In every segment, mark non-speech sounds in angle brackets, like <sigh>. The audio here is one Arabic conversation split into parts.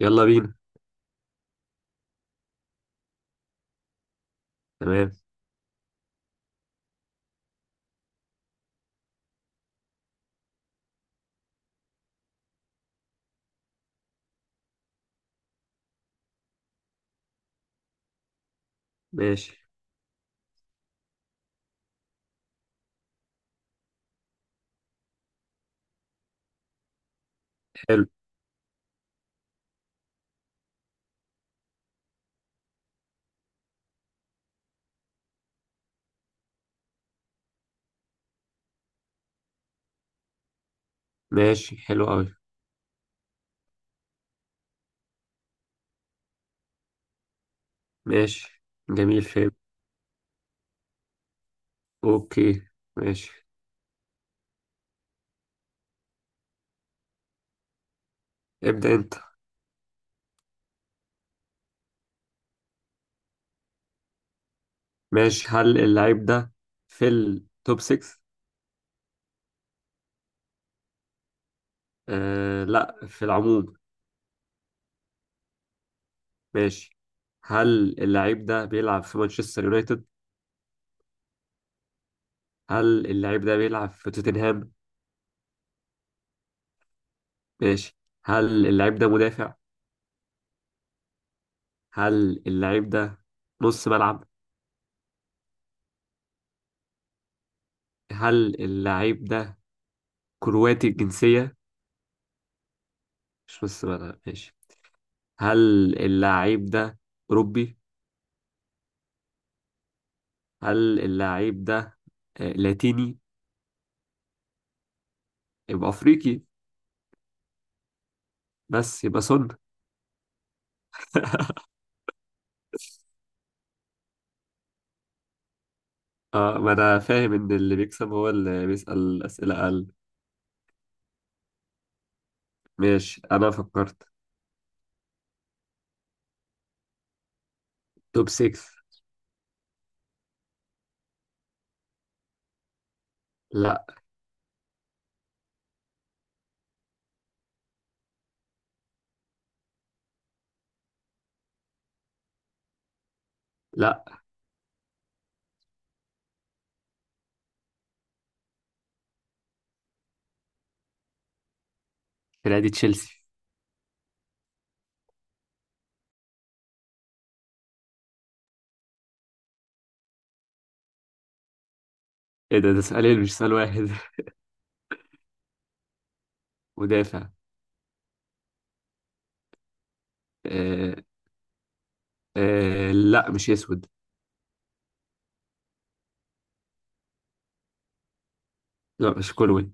يلا بينا. تمام. ماشي، حلو. ماشي حلو أوي. ماشي، جميل، فهم. أوكي، ماشي. ابدأ أنت. ماشي، هل اللعيب ده في التوب 6؟ آه، لا، في العموم. ماشي، هل اللعيب ده بيلعب في مانشستر يونايتد؟ هل اللعيب ده بيلعب في توتنهام؟ ماشي، هل اللعيب ده مدافع؟ هل اللعيب ده نص ملعب؟ هل اللعيب ده كرواتي الجنسية؟ مش نص ملعب، ماشي. هل اللاعب ده أوروبي؟ هل اللاعب ده لاتيني؟ يبقى أفريقي؟ بس يبقى سن. <laughs> اه، ما أنا فاهم إن اللي بيكسب هو اللي بيسأل أسئلة أقل. ماشي، أنا فكرت. توب 6. لا. لا. فرقة تشيلسي. إيه ده، ده سؤالين مش سؤال واحد. <laughs> مدافع. آه. آه، لا، مش أسود. لا، مش كولوين.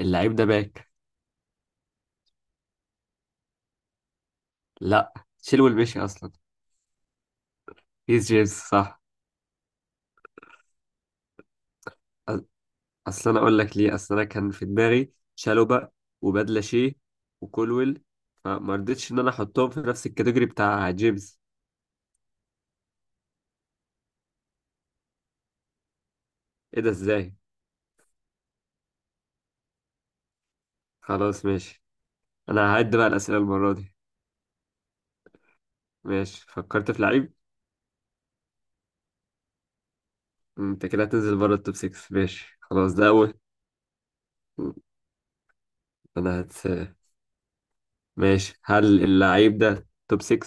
اللاعب ده باك. لا. تشيلويل مشي أصلا. هيث جيمس، صح. اصل انا اقول لك ليه، اصل انا كان في دماغي شالوبا وبدلاشي وكولويل، فما رضيتش ان انا احطهم في نفس الكاتيجوري بتاع جيمس. ايه ده، ازاي؟ خلاص، ماشي، انا هعد بقى الاسئله المره دي. ماشي، فكرت في لعيب. انت كده هتنزل بره التوب 6. ماشي خلاص، ده اول. انا هتس. ماشي، هل اللعيب ده توب 6؟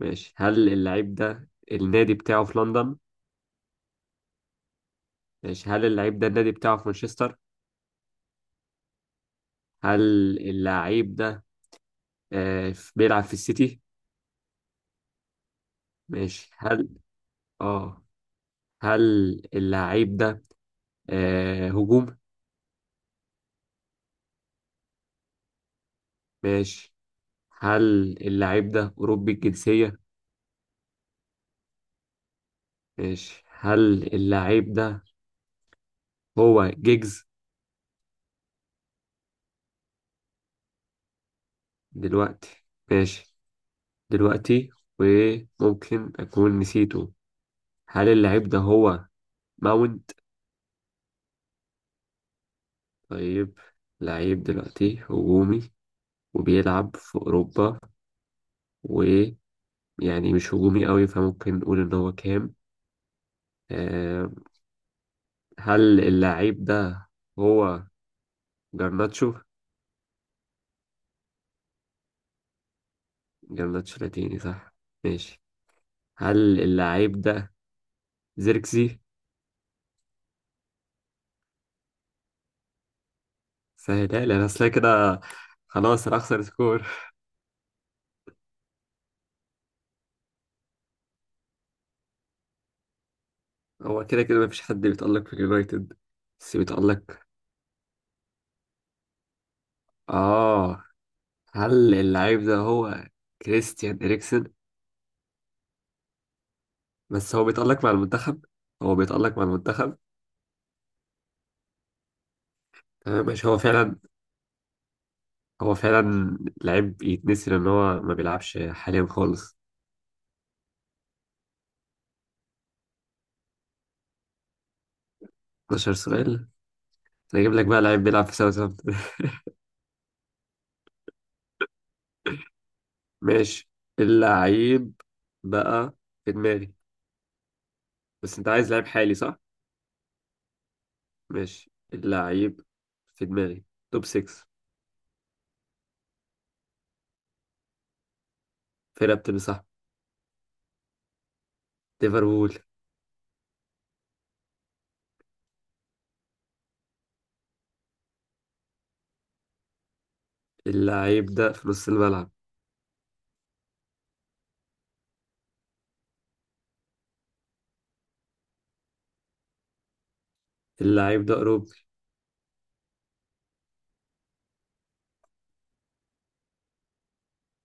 ماشي، هل اللعيب ده النادي بتاعه في لندن؟ ماشي، هل اللعيب ده النادي بتاعه في مانشستر؟ هل اللعيب ده بيلعب في السيتي؟ ماشي، هل اه هل اللعيب ده هجوم؟ ماشي، هل اللعيب ده أوروبي الجنسية؟ ماشي، هل اللعيب ده هو جيجز؟ دلوقتي، ماشي. دلوقتي، وممكن أكون نسيته. هل اللعيب ده هو ماونت؟ طيب. لعيب دلوقتي هجومي، وبيلعب في أوروبا، ويعني مش هجومي قوي، فممكن نقول إن هو كام. آه، هل اللعيب ده هو جرناتشو؟ جرناتشو لاتيني، صح. ماشي، هل اللعيب ده زيركزي؟ سهلها لي انا اصلا كده. خلاص، انا اخسر سكور. هو كده كده مفيش حد بيتألق في اليونايتد. بس بيتألق. اه، هل اللعيب ده هو كريستيان إريكسن؟ بس هو بيتألق مع المنتخب. هو بيتألق مع المنتخب. تمام ماشي، هو فعلا. هو فعلا لعيب يتنسي، لان هو ما بيلعبش حاليا خالص. 12 سؤال. أنا اجيب لك بقى لعيب بيلعب في ساوثهامبتون. <laughs> ماشي، اللعيب بقى في دماغي. بس انت عايز لعيب حالي، صح؟ ماشي، اللعيب في دماغي. توب 6. فرقة بتلبس احمر. ليفربول. اللعيب ده في نص الملعب. اللعيب ده اوروبي.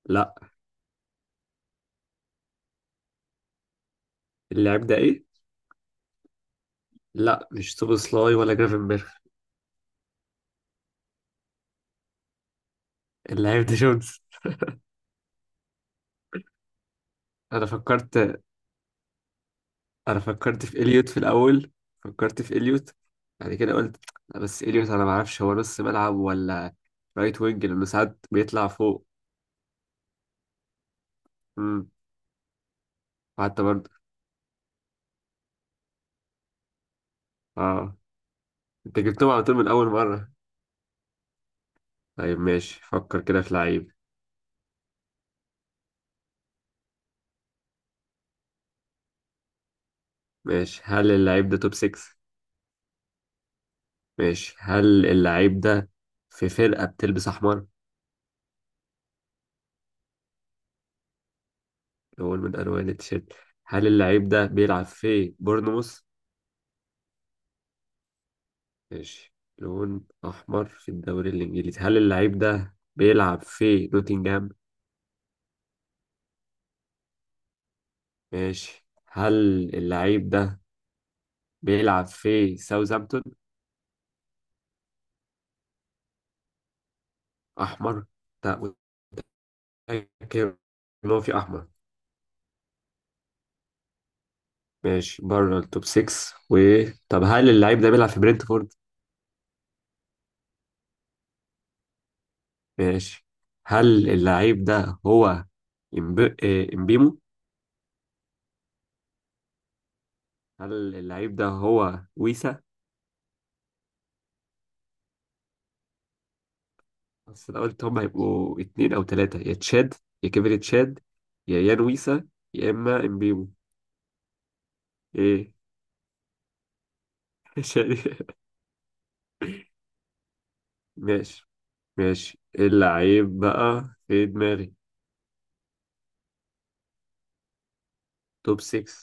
لا. اللعيب ده ايه؟ لا، مش سوبوسلاي ولا جرافنبرغ. اللعيب ده جونز. انا فكرت انا فكرت في اليوت في الاول. فكرت في اليوت، بعد كده قلت لا، بس اليوت انا ما اعرفش هو نص ملعب ولا رايت وينج، لانه ساعات بيطلع فوق. امم. حتى برضه. اه، انت جبتهم على طول من اول مرة. طيب ماشي، فكر كده في لعيب. ماشي، هل اللعيب ده توب 6؟ ماشي، هل اللعيب ده في فرقة بتلبس أحمر؟ لون من ألوان التيشيرت. هل اللعيب ده بيلعب في بورنموث؟ ماشي، لون أحمر في الدوري الإنجليزي. هل اللعيب ده بيلعب في نوتنجهام؟ ماشي، هل اللعيب ده بيلعب في ساوثهامبتون؟ أحمر. لا. متأكد إن هو في أحمر. ماشي، بره التوب 6. و طب هل اللعيب ده بيلعب في برنتفورد؟ ماشي، هل اللعيب ده هو إمبيمو؟ هل اللعيب ده هو ويسا؟ بس أنا قلت هم هيبقوا اتنين أو تلاتة: يا تشاد، يا كيفن تشاد، يا يان ويسا، يا إما إمبيمو. إيه. <laughs> شادي. ماشي. ماشي، اللعيب بقى في دماغي. توب 6.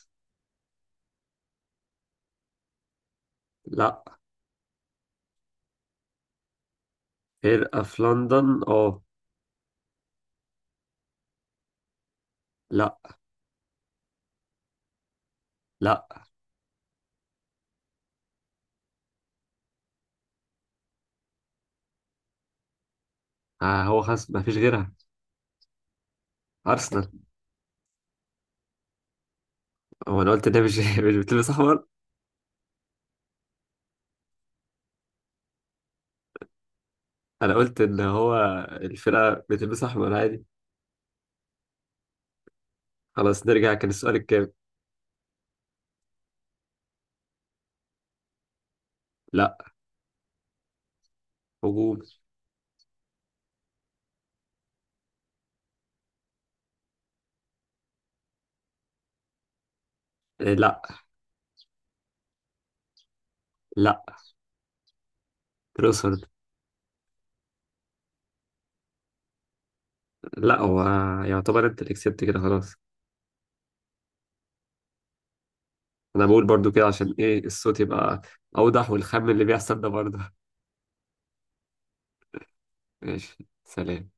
لا. فرقة في لندن، اه. لا. لا. آه، هو خلاص مفيش غيرها. أرسنال. هو أنا قلت ده مش <laughs> مش بتلبس أحمر. انا قلت ان هو الفرقه بتلبس احمر عادي. خلاص، نرجع، كان السؤال الكام. لا. هجوم. إيه، لا. لا. تروسرد. لا، هو يعتبر انت اللي كسبت كده، خلاص. انا بقول برضو كده عشان ايه الصوت يبقى اوضح، والخم اللي بيحصل ده برضه. ماشي، سلام.